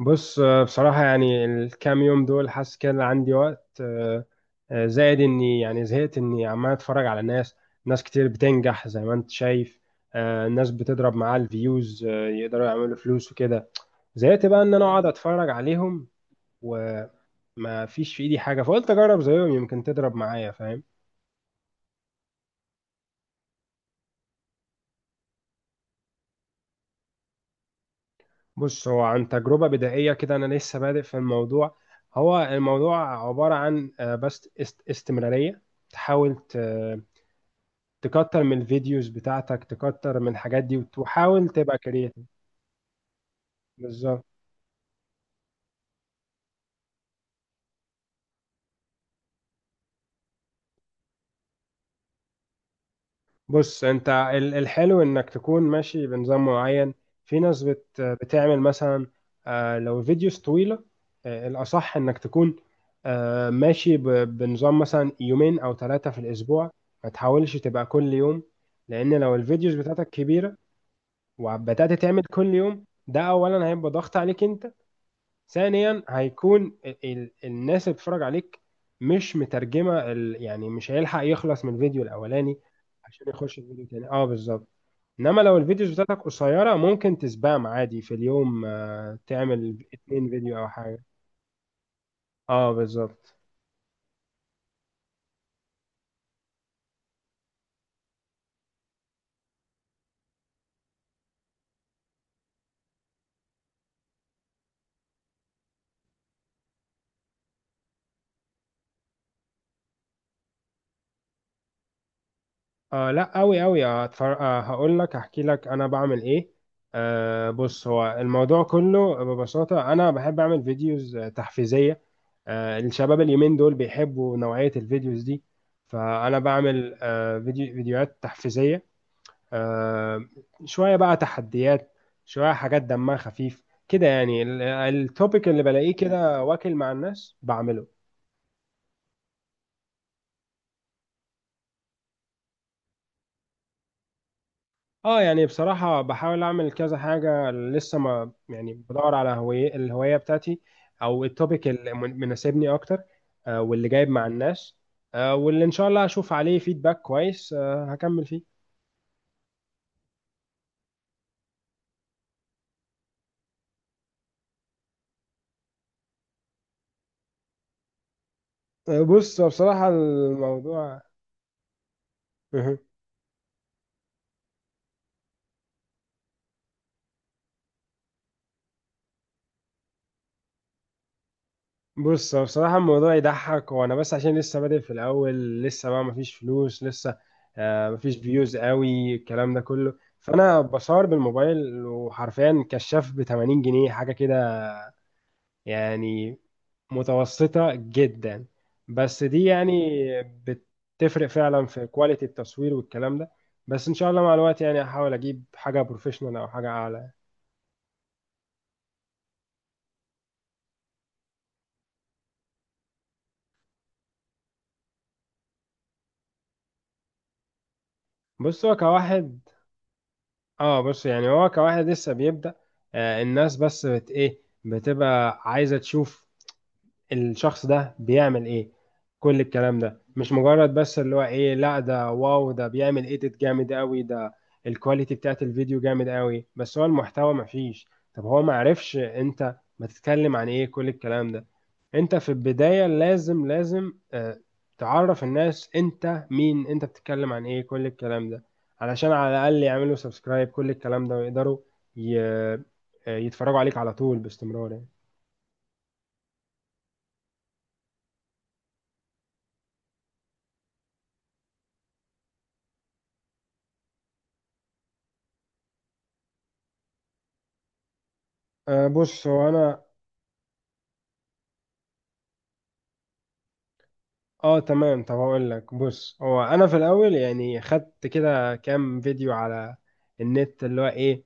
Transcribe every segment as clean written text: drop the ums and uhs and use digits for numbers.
بص، بصراحة يعني الكام يوم دول حاسس كده عندي وقت زائد اني يعني زهقت اني عمال اتفرج على ناس كتير بتنجح زي ما انت شايف. ناس بتضرب معاها الفيوز، يقدروا يعملوا فلوس وكده. زهقت بقى ان انا اقعد اتفرج عليهم وما فيش في ايدي حاجة، فقلت اجرب زيهم يمكن تضرب معايا، فاهم؟ بص، هو عن تجربة بدائية كده انا لسه بادئ في الموضوع. هو الموضوع عبارة عن بس استمرارية. تحاول تكتر من الفيديوز بتاعتك، تكتر من الحاجات دي، وحاول تبقى كرييتيف. بالظبط. بص، انت الحلو انك تكون ماشي بنظام معين. في ناس بتعمل مثلا لو فيديوز طويلة. الأصح انك تكون ماشي بنظام مثلا يومين أو ثلاثة في الأسبوع. ما تحاولش تبقى كل يوم، لأن لو الفيديوز بتاعتك كبيرة وبدأت تعمل كل يوم، ده أولا هيبقى ضغط عليك انت، ثانيا هيكون الناس اللي بتتفرج عليك مش مترجمه يعني مش هيلحق يخلص من الفيديو الاولاني عشان يخش الفيديو التاني. اه بالظبط. انما لو الفيديوز بتاعتك قصيره، ممكن تسبام عادي في اليوم، تعمل اتنين فيديو او حاجه. اه بالظبط. لا، قوي قوي. هقول لك، هحكي لك انا بعمل ايه. بص، هو الموضوع كله ببساطة انا بحب اعمل فيديوز تحفيزية. الشباب اليومين دول بيحبوا نوعية الفيديوز دي، فانا بعمل فيديوهات تحفيزية. آه شوية بقى تحديات، شوية حاجات دمها خفيف كده يعني. التوبيك اللي بلاقيه كده واكل مع الناس بعمله. اه يعني بصراحة بحاول اعمل كذا حاجة لسه، ما يعني بدور على هوية الهواية بتاعتي او التوبيك اللي مناسبني اكتر، واللي جايب مع الناس، واللي ان شاء الله هشوف عليه فيدباك كويس، هكمل فيه. آه، بص هو بصراحة الموضوع مه. بص هو بصراحة الموضوع يضحك وانا، بس عشان لسه بادئ في الاول، لسه بقى مفيش فلوس لسه، مفيش فيوز قوي، الكلام ده كله. فانا بصور بالموبايل وحرفيا كشاف ب 80 جنيه حاجة كده يعني، متوسطة جدا. بس دي يعني بتفرق فعلا في كواليتي التصوير والكلام ده. بس ان شاء الله مع الوقت يعني هحاول اجيب حاجة بروفيشنال او حاجة اعلى. بص، هو كواحد، اه بص يعني هو كواحد لسه بيبدأ، الناس بس بت ايه بتبقى عايزة تشوف الشخص ده بيعمل ايه. كل الكلام ده مش مجرد بس اللي هو ايه، لا ده واو ده بيعمل ايديت جامد قوي، ده الكواليتي بتاعت الفيديو جامد قوي، بس هو المحتوى مفيش. طب هو معرفش انت ما تتكلم عن ايه، كل الكلام ده. انت في البداية لازم لازم تعرف الناس انت مين، انت بتتكلم عن ايه، كل الكلام ده، علشان على الاقل يعملوا سبسكرايب كل الكلام ده، ويقدروا ي- آه، يتفرجوا عليك على طول باستمرار يعني. آه، بص هو انا اه تمام، طب هقول لك. بص، هو انا في الاول يعني خدت كده كام فيديو على النت، اللي هو ايه،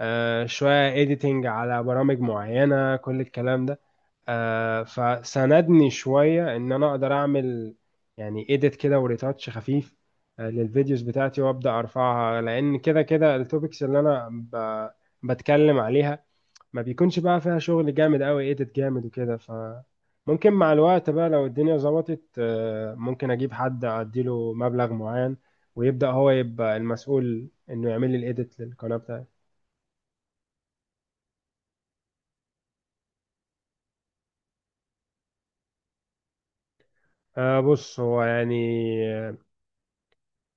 شوية editing على برامج معينة، كل الكلام ده. فساندني شوية ان انا اقدر اعمل يعني edit كده وريتاتش خفيف للفيديوز بتاعتي، وابدا ارفعها، لان كده كده التوبكس اللي بتكلم عليها ما بيكونش بقى فيها شغل جامد قوي ايديت جامد وكده. ف ممكن مع الوقت بقى لو الدنيا ظبطت، ممكن اجيب حد اديله مبلغ معين ويبدأ هو يبقى المسؤول انه يعمل لي الايديت للقناة بتاعتي. أه بص هو يعني آه،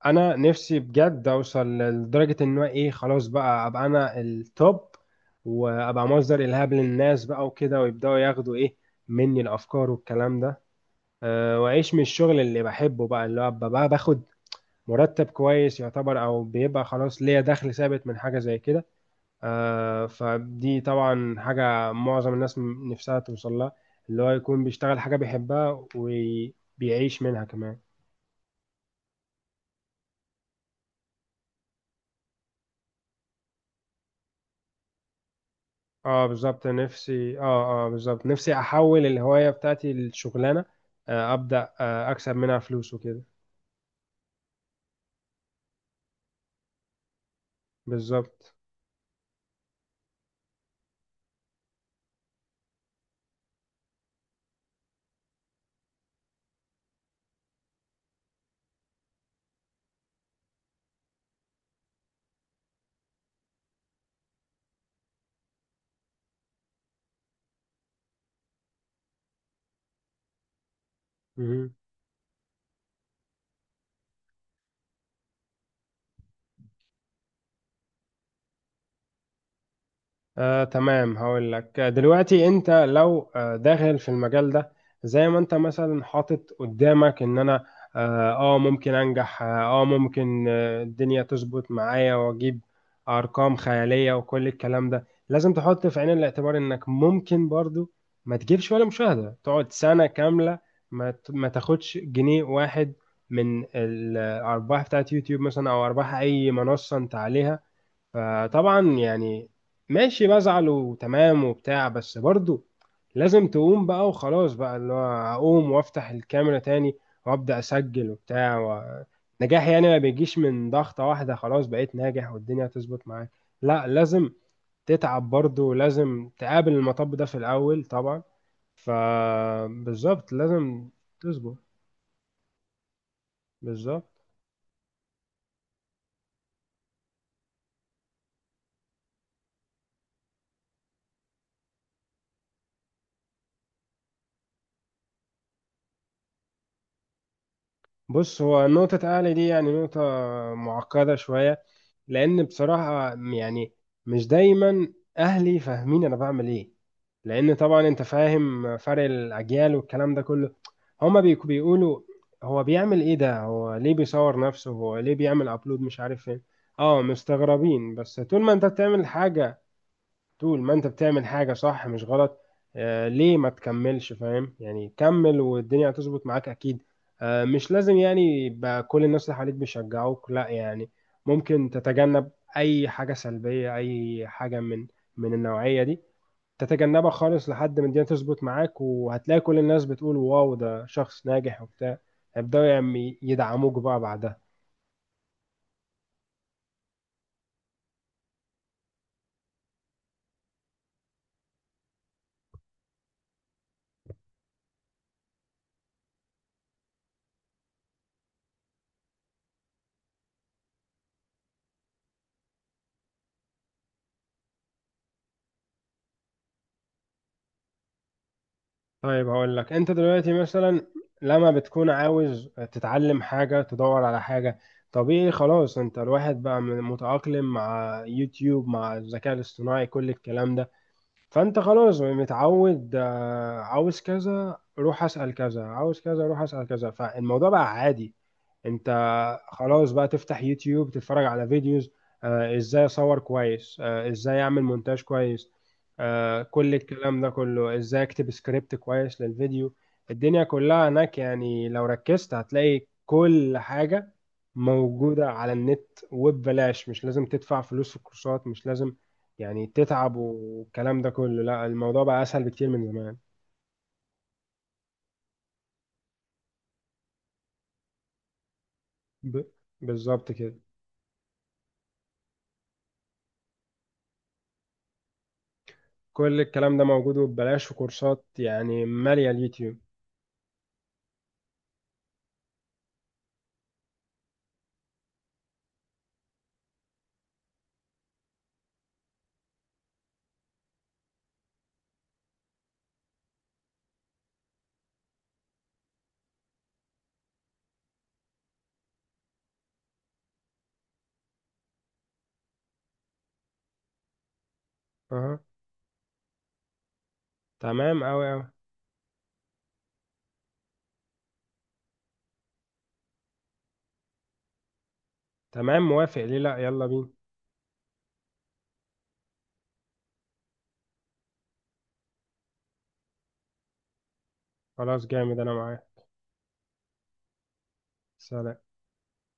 انا نفسي بجد اوصل لدرجة ان هو ايه، خلاص بقى ابقى انا التوب، وابقى مصدر الهام للناس بقى وكده، ويبدأوا ياخدوا ايه مني، الافكار والكلام ده. أه، واعيش من الشغل اللي بحبه بقى، اللي هو ابقى بقى باخد مرتب كويس يعتبر، او بيبقى خلاص ليا دخل ثابت من حاجه زي كده. فدي طبعا حاجه معظم الناس نفسها توصل لها، اللي هو يكون بيشتغل حاجه بيحبها وبيعيش منها كمان. اه بالظبط، نفسي، اه بالظبط نفسي احول الهوايه بتاعتي لشغلانه، ابدا اكسب منها فلوس وكده. بالظبط. مهم. تمام هقول لك. دلوقتي انت لو داخل في المجال ده، زي ما انت مثلا حاطط قدامك ان انا اه، ممكن انجح اه، ممكن الدنيا تظبط معايا واجيب ارقام خيالية وكل الكلام ده، لازم تحط في عين الاعتبار انك ممكن برضو ما تجيبش ولا مشاهدة، تقعد سنة كاملة ما تاخدش جنيه واحد من الارباح بتاعت يوتيوب مثلا، او ارباح اي منصة انت عليها. فطبعا يعني ماشي بزعل وتمام وبتاع، بس برضو لازم تقوم بقى وخلاص، بقى اللي هو اقوم وافتح الكاميرا تاني وابدا اسجل وبتاع و... نجاح يعني ما بيجيش من ضغطة واحدة خلاص بقيت ناجح والدنيا هتظبط معاك، لا لازم تتعب برضو، لازم تقابل المطب ده في الاول طبعا. فبالظبط لازم تصبر. بالظبط. بص، هو نقطة أهلي دي يعني نقطة معقدة شوية، لأن بصراحة يعني مش دايما أهلي فاهمين أنا بعمل إيه، لأن طبعا أنت فاهم فرق الأجيال والكلام ده كله. هما بيقولوا هو بيعمل إيه ده، هو ليه بيصور نفسه، هو ليه بيعمل أبلود مش عارف فين. أه مستغربين، بس طول ما أنت بتعمل حاجة، طول ما انت بتعمل حاجة صح مش غلط، ليه ما تكملش، فاهم يعني؟ كمل والدنيا هتظبط معاك اكيد. مش لازم يعني يبقى كل الناس اللي حواليك بيشجعوك، لا يعني ممكن تتجنب اي حاجة سلبية، اي حاجة من من النوعية دي، تتجنبها خالص لحد ما الدنيا تظبط معاك، وهتلاقي كل الناس بتقول واو ده شخص ناجح وبتاع، هيبدأوا يعني يدعموك بقى بعدها. طيب هقول لك. انت دلوقتي مثلا لما بتكون عاوز تتعلم حاجة تدور على حاجة طبيعي خلاص، انت الواحد بقى متأقلم مع يوتيوب مع الذكاء الاصطناعي كل الكلام ده. فانت خلاص متعود، عاوز كذا روح اسأل كذا، عاوز كذا روح اسأل كذا، فالموضوع بقى عادي. انت خلاص بقى تفتح يوتيوب، تتفرج على فيديوز، ازاي اصور كويس، ازاي اعمل مونتاج كويس، كل الكلام ده كله، ازاي اكتب سكريبت كويس للفيديو. الدنيا كلها هناك يعني، لو ركزت هتلاقي كل حاجة موجودة على النت وببلاش، مش لازم تدفع فلوس في الكورسات، مش لازم يعني تتعب والكلام ده كله، لا الموضوع بقى اسهل بكتير من زمان. ب... بالظبط كده. كل الكلام ده موجود وببلاش، وكورسات يعني مالية اليوتيوب. أها. تمام أوي أوي. تمام موافق، ليه لأ، يلا بينا. خلاص جامد أنا معاك. سلام.